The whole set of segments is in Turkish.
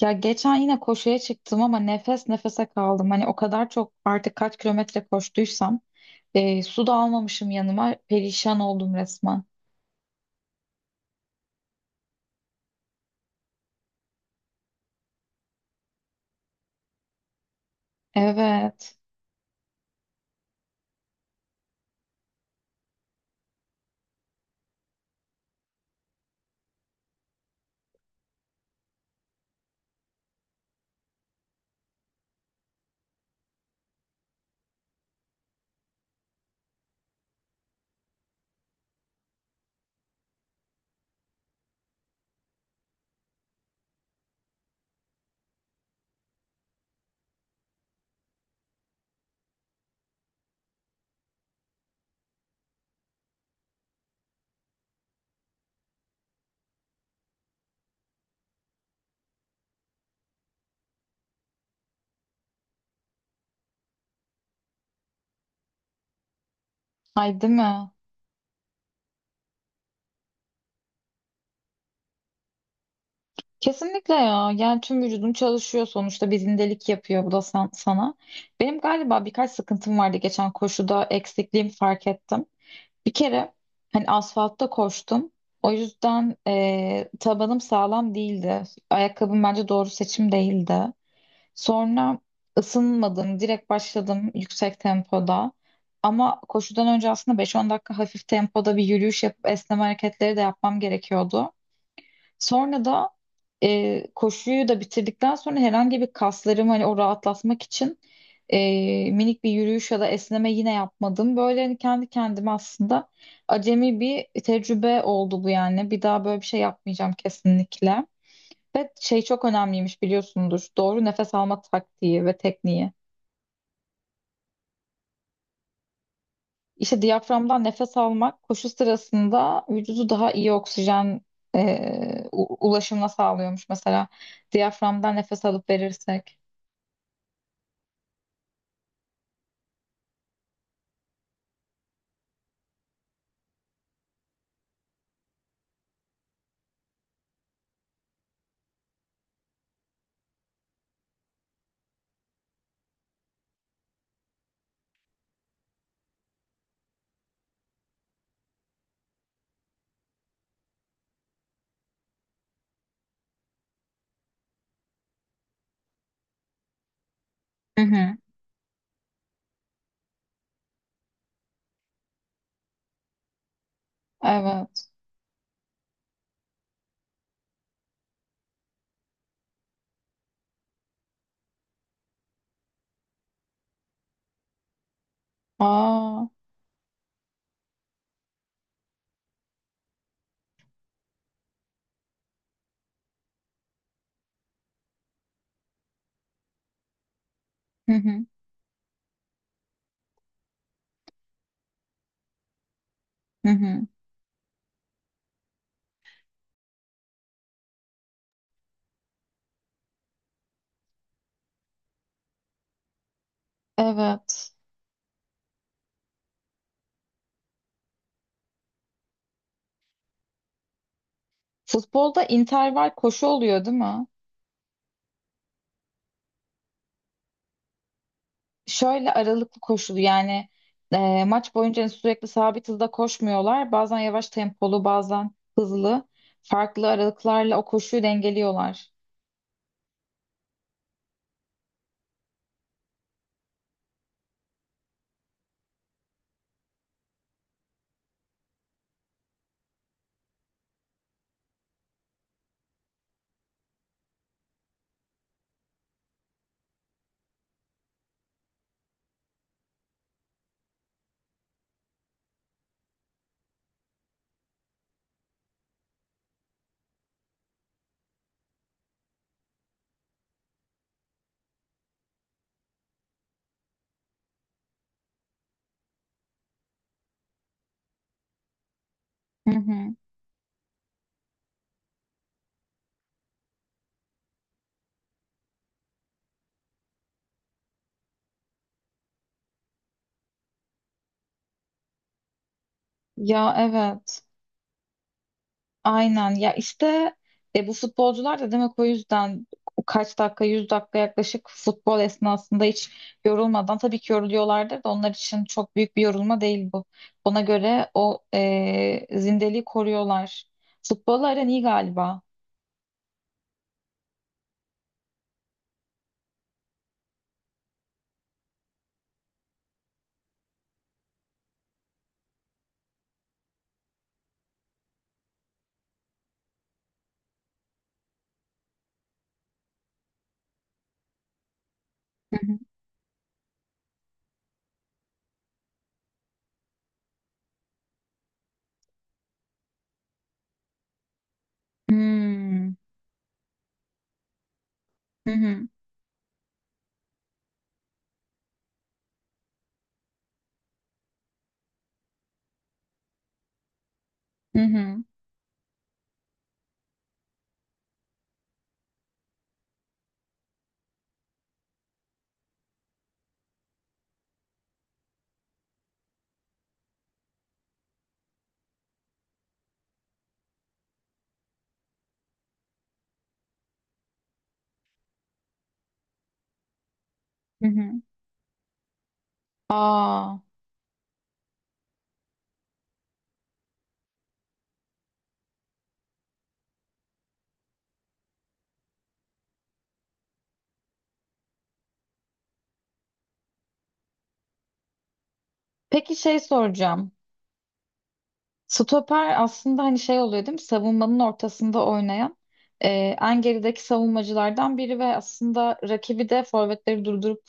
Ya geçen yine koşuya çıktım ama nefes nefese kaldım. Hani o kadar çok artık kaç kilometre koştuysam su da almamışım yanıma. Perişan oldum resmen. Evet. Ay değil mi? Kesinlikle ya. Yani tüm vücudum çalışıyor sonuçta. Bir zindelik yapıyor bu da sana. Benim galiba birkaç sıkıntım vardı geçen koşuda. Eksikliğimi fark ettim. Bir kere hani asfaltta koştum. O yüzden tabanım sağlam değildi. Ayakkabım bence doğru seçim değildi. Sonra ısınmadım, direkt başladım yüksek tempoda. Ama koşudan önce aslında 5-10 dakika hafif tempoda bir yürüyüş yapıp esneme hareketleri de yapmam gerekiyordu. Sonra da koşuyu da bitirdikten sonra herhangi bir kaslarımı hani o rahatlatmak için minik bir yürüyüş ya da esneme yine yapmadım. Böyle hani kendi kendime aslında acemi bir tecrübe oldu bu yani. Bir daha böyle bir şey yapmayacağım kesinlikle. Ve şey çok önemliymiş biliyorsundur. Doğru nefes alma taktiği ve tekniği. İşte diyaframdan nefes almak koşu sırasında vücudu daha iyi oksijen ulaşımına sağlıyormuş. Mesela diyaframdan nefes alıp verirsek. Hı hı. Evet. Aa. Hı hı. Hı hı. Evet. Futbolda interval koşu oluyor değil mi? Şöyle aralıklı koşulu yani maç boyunca sürekli sabit hızda koşmuyorlar. Bazen yavaş tempolu, bazen hızlı. Farklı aralıklarla o koşuyu dengeliyorlar. Hı hı. Ya evet. Aynen. Ya işte bu futbolcular da demek o yüzden kaç dakika, 100 dakika yaklaşık futbol esnasında hiç yorulmadan tabii ki yoruluyorlardır da onlar için çok büyük bir yorulma değil bu. Ona göre o zindeliği koruyorlar. Futbol aran iyi galiba. Hmm. Hı hı. Hı hı. Hı hı. Aa. Peki şey soracağım. Stoper aslında hani şey oluyor değil mi? Savunmanın ortasında oynayan e, en gerideki savunmacılardan biri ve aslında rakibi de forvetleri durdurup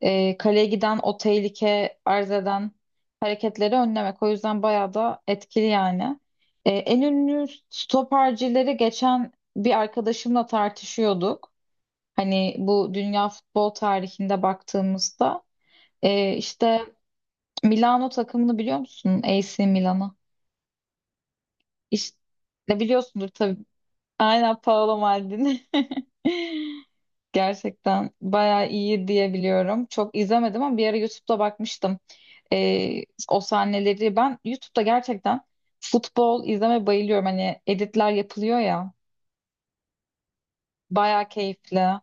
kaleye giden o tehlike arz eden hareketleri önlemek. O yüzden bayağı da etkili yani. En ünlü stopercileri geçen bir arkadaşımla tartışıyorduk. Hani bu dünya futbol tarihinde baktığımızda. İşte Milano takımını biliyor musun? AC Milan'ı. İşte biliyorsundur tabii. Aynen Paolo Maldini. Gerçekten bayağı iyi diye biliyorum. Çok izlemedim ama bir ara YouTube'da bakmıştım. Ee, O sahneleri ben YouTube'da gerçekten futbol izleme bayılıyorum. Hani editler yapılıyor ya. Bayağı keyifli.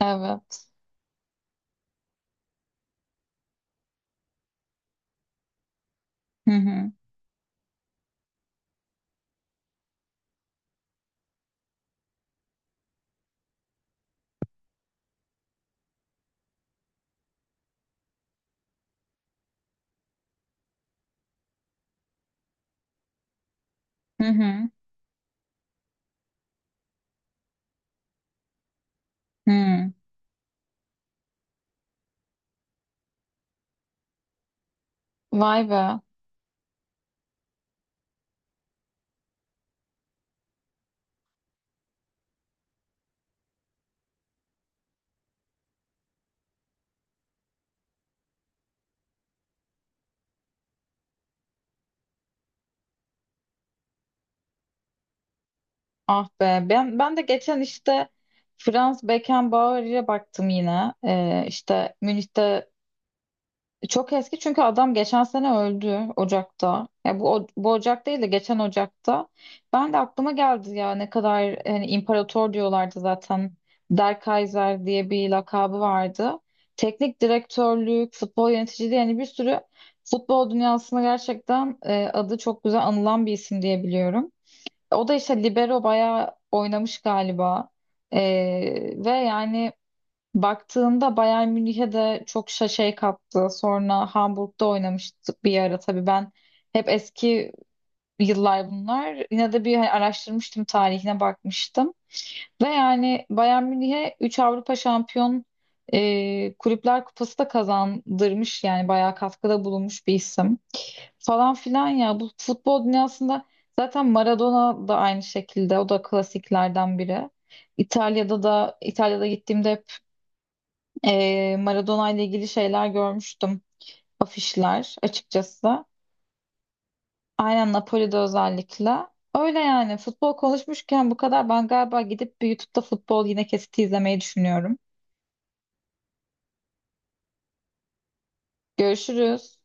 Evet. Hı hı. Hı hı. Hı. Vay be. Ah be. Ben de geçen işte Franz Beckenbauer'e baktım yine. İşte Münih'te. Çok eski çünkü adam geçen sene öldü Ocak'ta. Ya bu bu Ocak değil de geçen Ocak'ta. Ben de aklıma geldi ya ne kadar hani imparator diyorlardı zaten. Der Kaiser diye bir lakabı vardı. Teknik direktörlük, futbol yöneticiliği yani bir sürü futbol dünyasında gerçekten adı çok güzel anılan bir isim diye biliyorum. O da işte libero bayağı oynamış galiba. E, Ve yani baktığında Bayern Münih'e de çok şey kattı. Sonra Hamburg'da oynamıştık bir ara. Tabii ben hep eski yıllar bunlar. Yine de bir hani araştırmıştım, tarihine bakmıştım. Ve yani Bayern Münih'e 3 Avrupa Şampiyon Kulüpler Kupası da kazandırmış. Yani bayağı katkıda bulunmuş bir isim. Falan filan ya. Bu futbol dünyasında zaten Maradona da aynı şekilde. O da klasiklerden biri. İtalya'da gittiğimde Maradona ile ilgili şeyler görmüştüm. Afişler açıkçası. Aynen Napoli'de özellikle. Öyle yani futbol konuşmuşken bu kadar. Ben galiba gidip bir YouTube'da futbol yine kesiti izlemeyi düşünüyorum. Görüşürüz.